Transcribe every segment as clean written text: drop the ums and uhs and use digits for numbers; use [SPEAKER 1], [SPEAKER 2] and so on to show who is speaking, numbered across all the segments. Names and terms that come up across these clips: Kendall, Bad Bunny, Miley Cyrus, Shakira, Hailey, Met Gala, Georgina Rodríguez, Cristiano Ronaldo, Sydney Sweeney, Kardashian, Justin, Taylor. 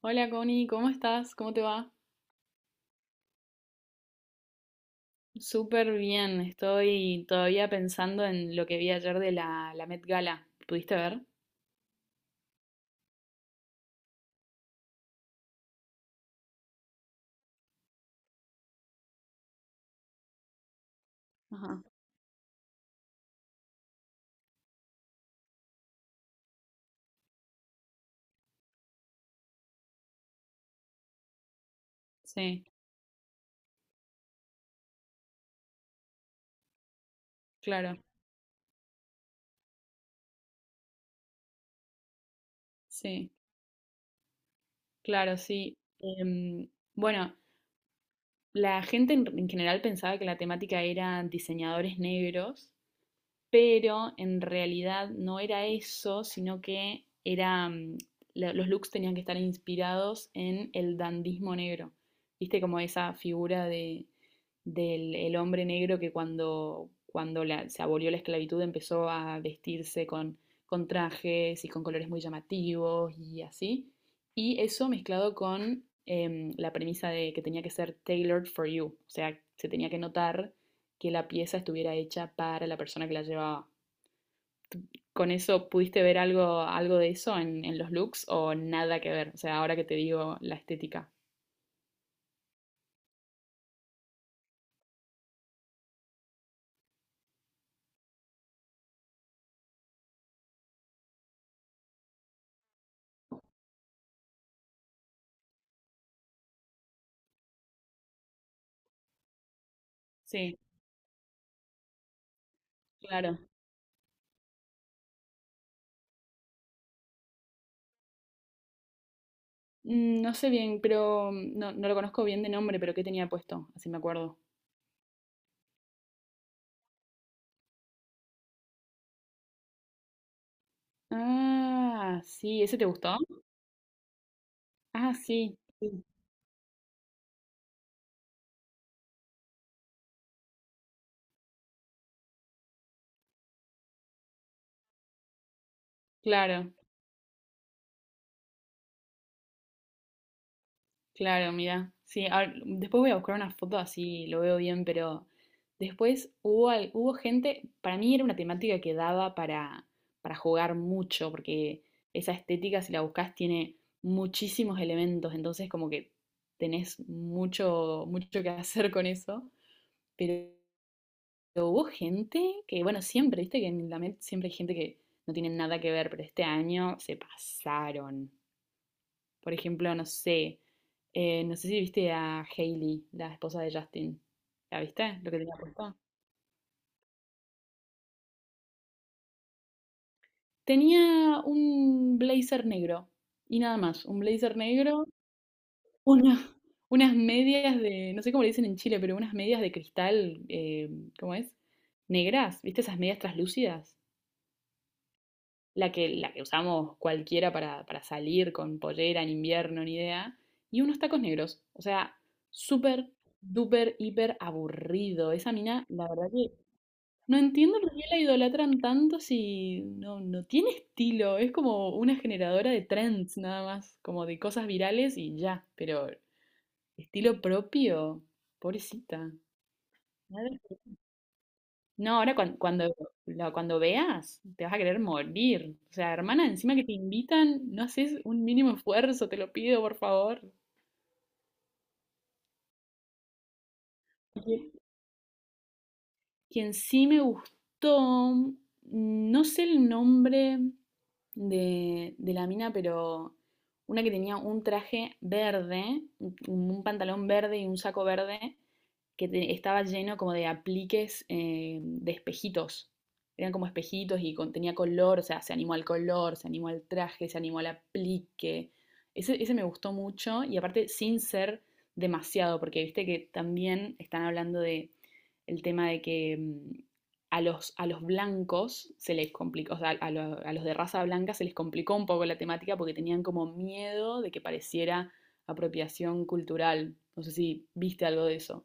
[SPEAKER 1] Hola Connie, ¿cómo estás? ¿Cómo te va? Súper bien, estoy todavía pensando en lo que vi ayer de la Met Gala. ¿Pudiste ver? Ajá. Sí, claro, sí, claro, sí. Em, bueno, la gente en general pensaba que la temática era diseñadores negros, pero en realidad no era eso, sino que era, los looks tenían que estar inspirados en el dandismo negro. ¿Viste como esa figura de del el hombre negro que cuando, se abolió la esclavitud empezó a vestirse con trajes y con colores muy llamativos y así? Y eso mezclado con la premisa de que tenía que ser tailored for you, o sea, se tenía que notar que la pieza estuviera hecha para la persona que la llevaba. ¿Con eso pudiste ver algo, algo de eso en los looks o nada que ver? O sea, ahora que te digo la estética. Sí, claro. Mm, no sé bien, pero no, no lo conozco bien de nombre, pero ¿qué tenía puesto? Así me acuerdo. Ah, sí, ¿ese te gustó? Ah, sí, sí, claro, claro, mira. Sí, después voy a buscar una foto así lo veo bien, pero después hubo, hubo gente. Para mí era una temática que daba para jugar mucho, porque esa estética, si la buscas, tiene muchísimos elementos, entonces como que tenés mucho, mucho que hacer con eso. Pero hubo gente que, bueno, siempre, viste que en la Met siempre hay gente que no tiene nada que ver, pero este año se pasaron. Por ejemplo, no sé, no sé si viste a Hailey, la esposa de Justin. ¿La viste? Lo que tenía puesto. Tenía un blazer negro y nada más, un blazer negro, una- unas medias de, no sé cómo le dicen en Chile, pero unas medias de cristal, ¿cómo es? Negras, ¿viste esas medias traslúcidas? La que, la que usamos cualquiera para salir con pollera en invierno, ni idea, y unos tacos negros. O sea, súper, duper, hiper aburrido. Esa mina, la verdad que no entiendo por qué la idolatran tanto si no, no tiene estilo. Es como una generadora de trends nada más, como de cosas virales y ya, pero estilo propio, pobrecita. No, ahora veas, te vas a querer morir. O sea, hermana, encima que te invitan, no haces un mínimo esfuerzo, te lo pido, por favor. Y quien sí me gustó, mm, no sé el nombre de la mina, pero una que tenía un traje verde, un pantalón verde y un saco verde, estaba lleno como de apliques de espejitos. Eran como espejitos y tenía color, o sea, se animó al color, se animó al traje, se animó al aplique. Ese me gustó mucho y aparte sin ser demasiado, porque viste que también están hablando de el tema de que a los blancos se les complicó, o sea, a los de raza blanca se les complicó un poco la temática porque tenían como miedo de que pareciera apropiación cultural. No sé si viste algo de eso.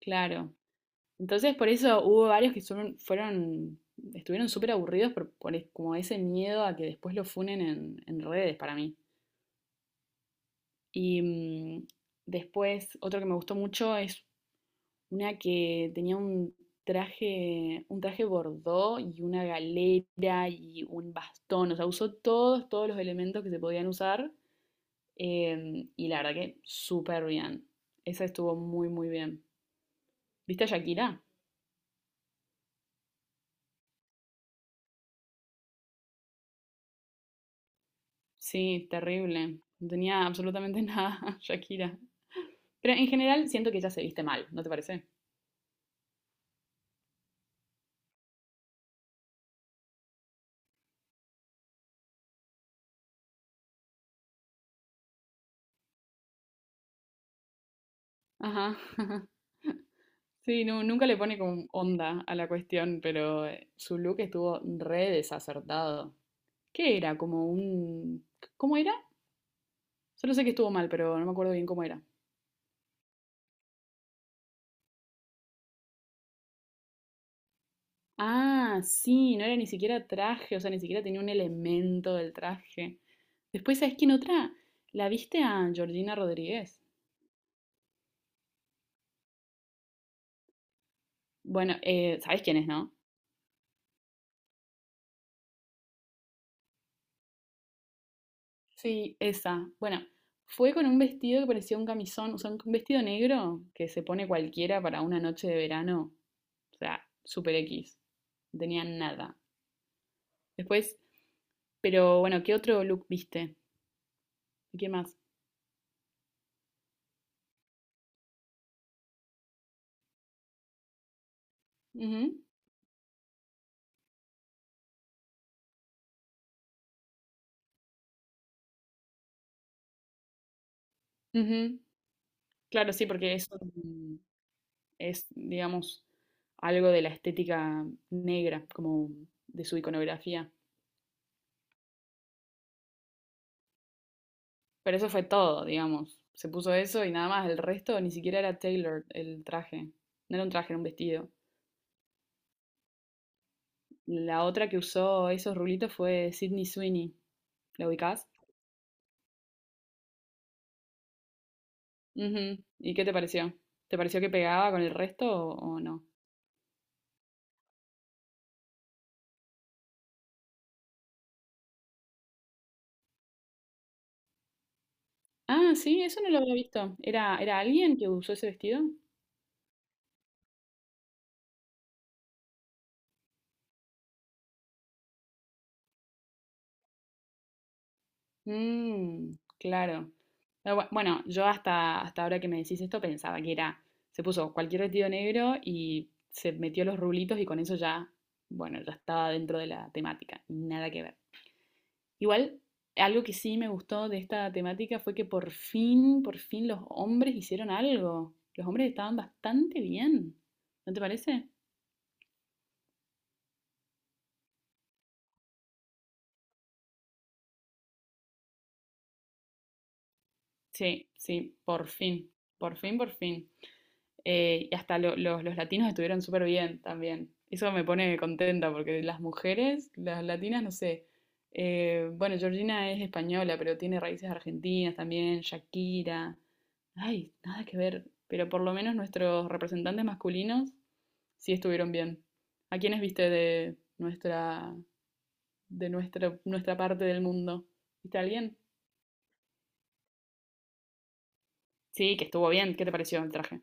[SPEAKER 1] Claro. Entonces, por eso hubo varios que fueron, estuvieron súper aburridos por, como ese miedo a que después lo funen en redes para mí. Y después, otro que me gustó mucho es una que tenía un traje bordó y una galera y un bastón. O sea, usó todos, todos los elementos que se podían usar. Y la verdad que súper bien. Esa estuvo muy, muy bien. ¿Viste a Shakira? Sí, terrible. No tenía absolutamente nada, Shakira. Pero en general siento que ella se viste mal, ¿no te parece? Ajá. Sí, no, nunca le pone como onda a la cuestión, pero su look estuvo re desacertado. ¿Qué era? Como un... ¿Cómo era? Solo sé que estuvo mal, pero no me acuerdo bien cómo era. Ah, sí, no era ni siquiera traje, o sea, ni siquiera tenía un elemento del traje. Después, ¿sabes quién otra? La viste a Georgina Rodríguez. Bueno, ¿sabes quién es, no? Sí, esa. Bueno, fue con un vestido que parecía un camisón, o sea, un vestido negro que se pone cualquiera para una noche de verano. O sea, super X. No tenía nada. Después, pero bueno, ¿qué otro look viste? ¿Y qué más? Ujú, ujú. Claro, sí, porque digamos, algo de la estética negra, como de su iconografía. Pero eso fue todo, digamos. Se puso eso y nada más. El resto ni siquiera era Taylor el traje. No era un traje, era un vestido. La otra que usó esos rulitos fue Sydney Sweeney. ¿La ubicás? Ujú. ¿Y qué te pareció? ¿Te pareció que pegaba con el resto o no? Ah, sí, eso no lo había visto. ¿Era, era alguien que usó ese vestido? Mmm, claro. Pero bueno, yo hasta, hasta ahora que me decís esto pensaba que era, se puso cualquier vestido negro y se metió los rulitos y con eso ya, bueno, ya estaba dentro de la temática, nada que ver. Igual, algo que sí me gustó de esta temática fue que por fin los hombres hicieron algo. Los hombres estaban bastante bien, ¿no te parece? Sí, sí, por fin, por fin, por fin. Y hasta los latinos estuvieron súper bien también. Eso me pone contenta porque las mujeres, las latinas, no sé. Bueno, Georgina es española, pero tiene raíces argentinas también, Shakira. Ay, nada que ver. Pero por lo menos nuestros representantes masculinos sí estuvieron bien. ¿A quiénes viste de nuestra, nuestra parte del mundo? ¿Viste a alguien? Sí, que estuvo bien. ¿Qué te pareció el traje?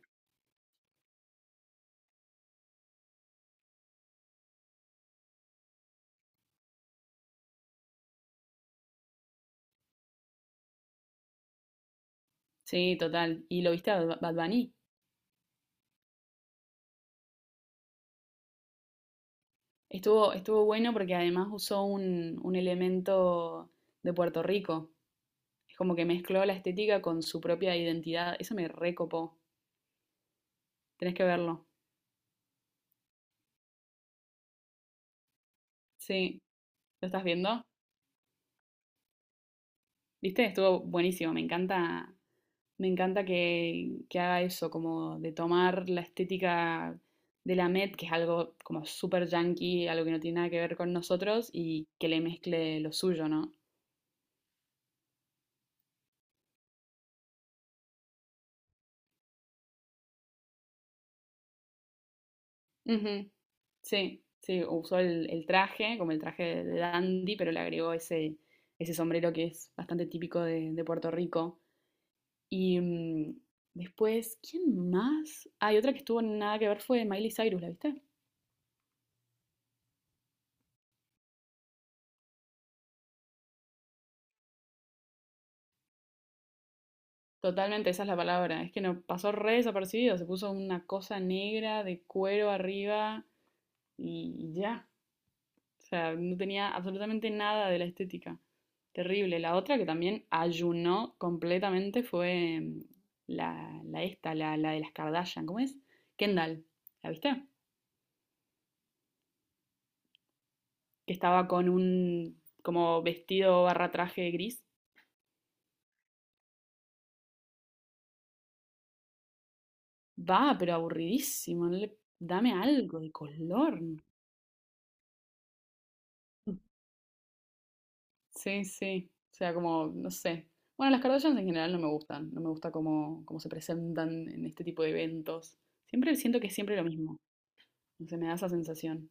[SPEAKER 1] Sí, total. ¿Y lo viste a Bad Bunny? Estuvo, estuvo bueno porque además usó un elemento de Puerto Rico. Es como que mezcló la estética con su propia identidad. Eso me recopó. Tenés que verlo. Sí. ¿Lo estás viendo? ¿Viste? Estuvo buenísimo. Me encanta que haga eso, como de tomar la estética de la Met, que es algo como súper yankee, algo que no tiene nada que ver con nosotros, y que le mezcle lo suyo, ¿no? Ujú. Sí, sí, usó el traje, como el traje de dandy, pero le agregó ese, ese sombrero que es bastante típico de Puerto Rico. Y después, ¿quién más? Hay otra que estuvo nada que ver fue Miley Cyrus, ¿la viste? Totalmente, esa es la palabra. Es que no pasó re desapercibido, se puso una cosa negra de cuero arriba y ya. O sea, no tenía absolutamente nada de la estética. Terrible. La otra que también ayunó completamente fue la de las Kardashian. ¿Cómo es? Kendall. ¿La viste? Que estaba con un como vestido barra traje gris. Va, pero aburridísimo. No le- dame algo de color. Sí, sí. O sea, como, no sé. Bueno, las Kardashians en general no me gustan. No me gusta cómo, cómo se presentan en este tipo de eventos. Siempre siento que es siempre lo mismo. Se me da esa sensación.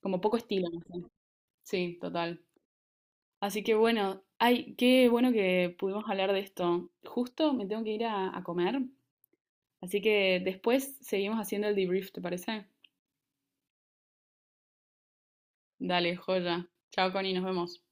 [SPEAKER 1] Como poco estilo, no sé. Sí, total. Así que bueno, ay, qué bueno que pudimos hablar de esto. Justo me tengo que ir a comer, así que después seguimos haciendo el debrief, ¿te parece? Dale, joya. Chao, Connie, nos vemos.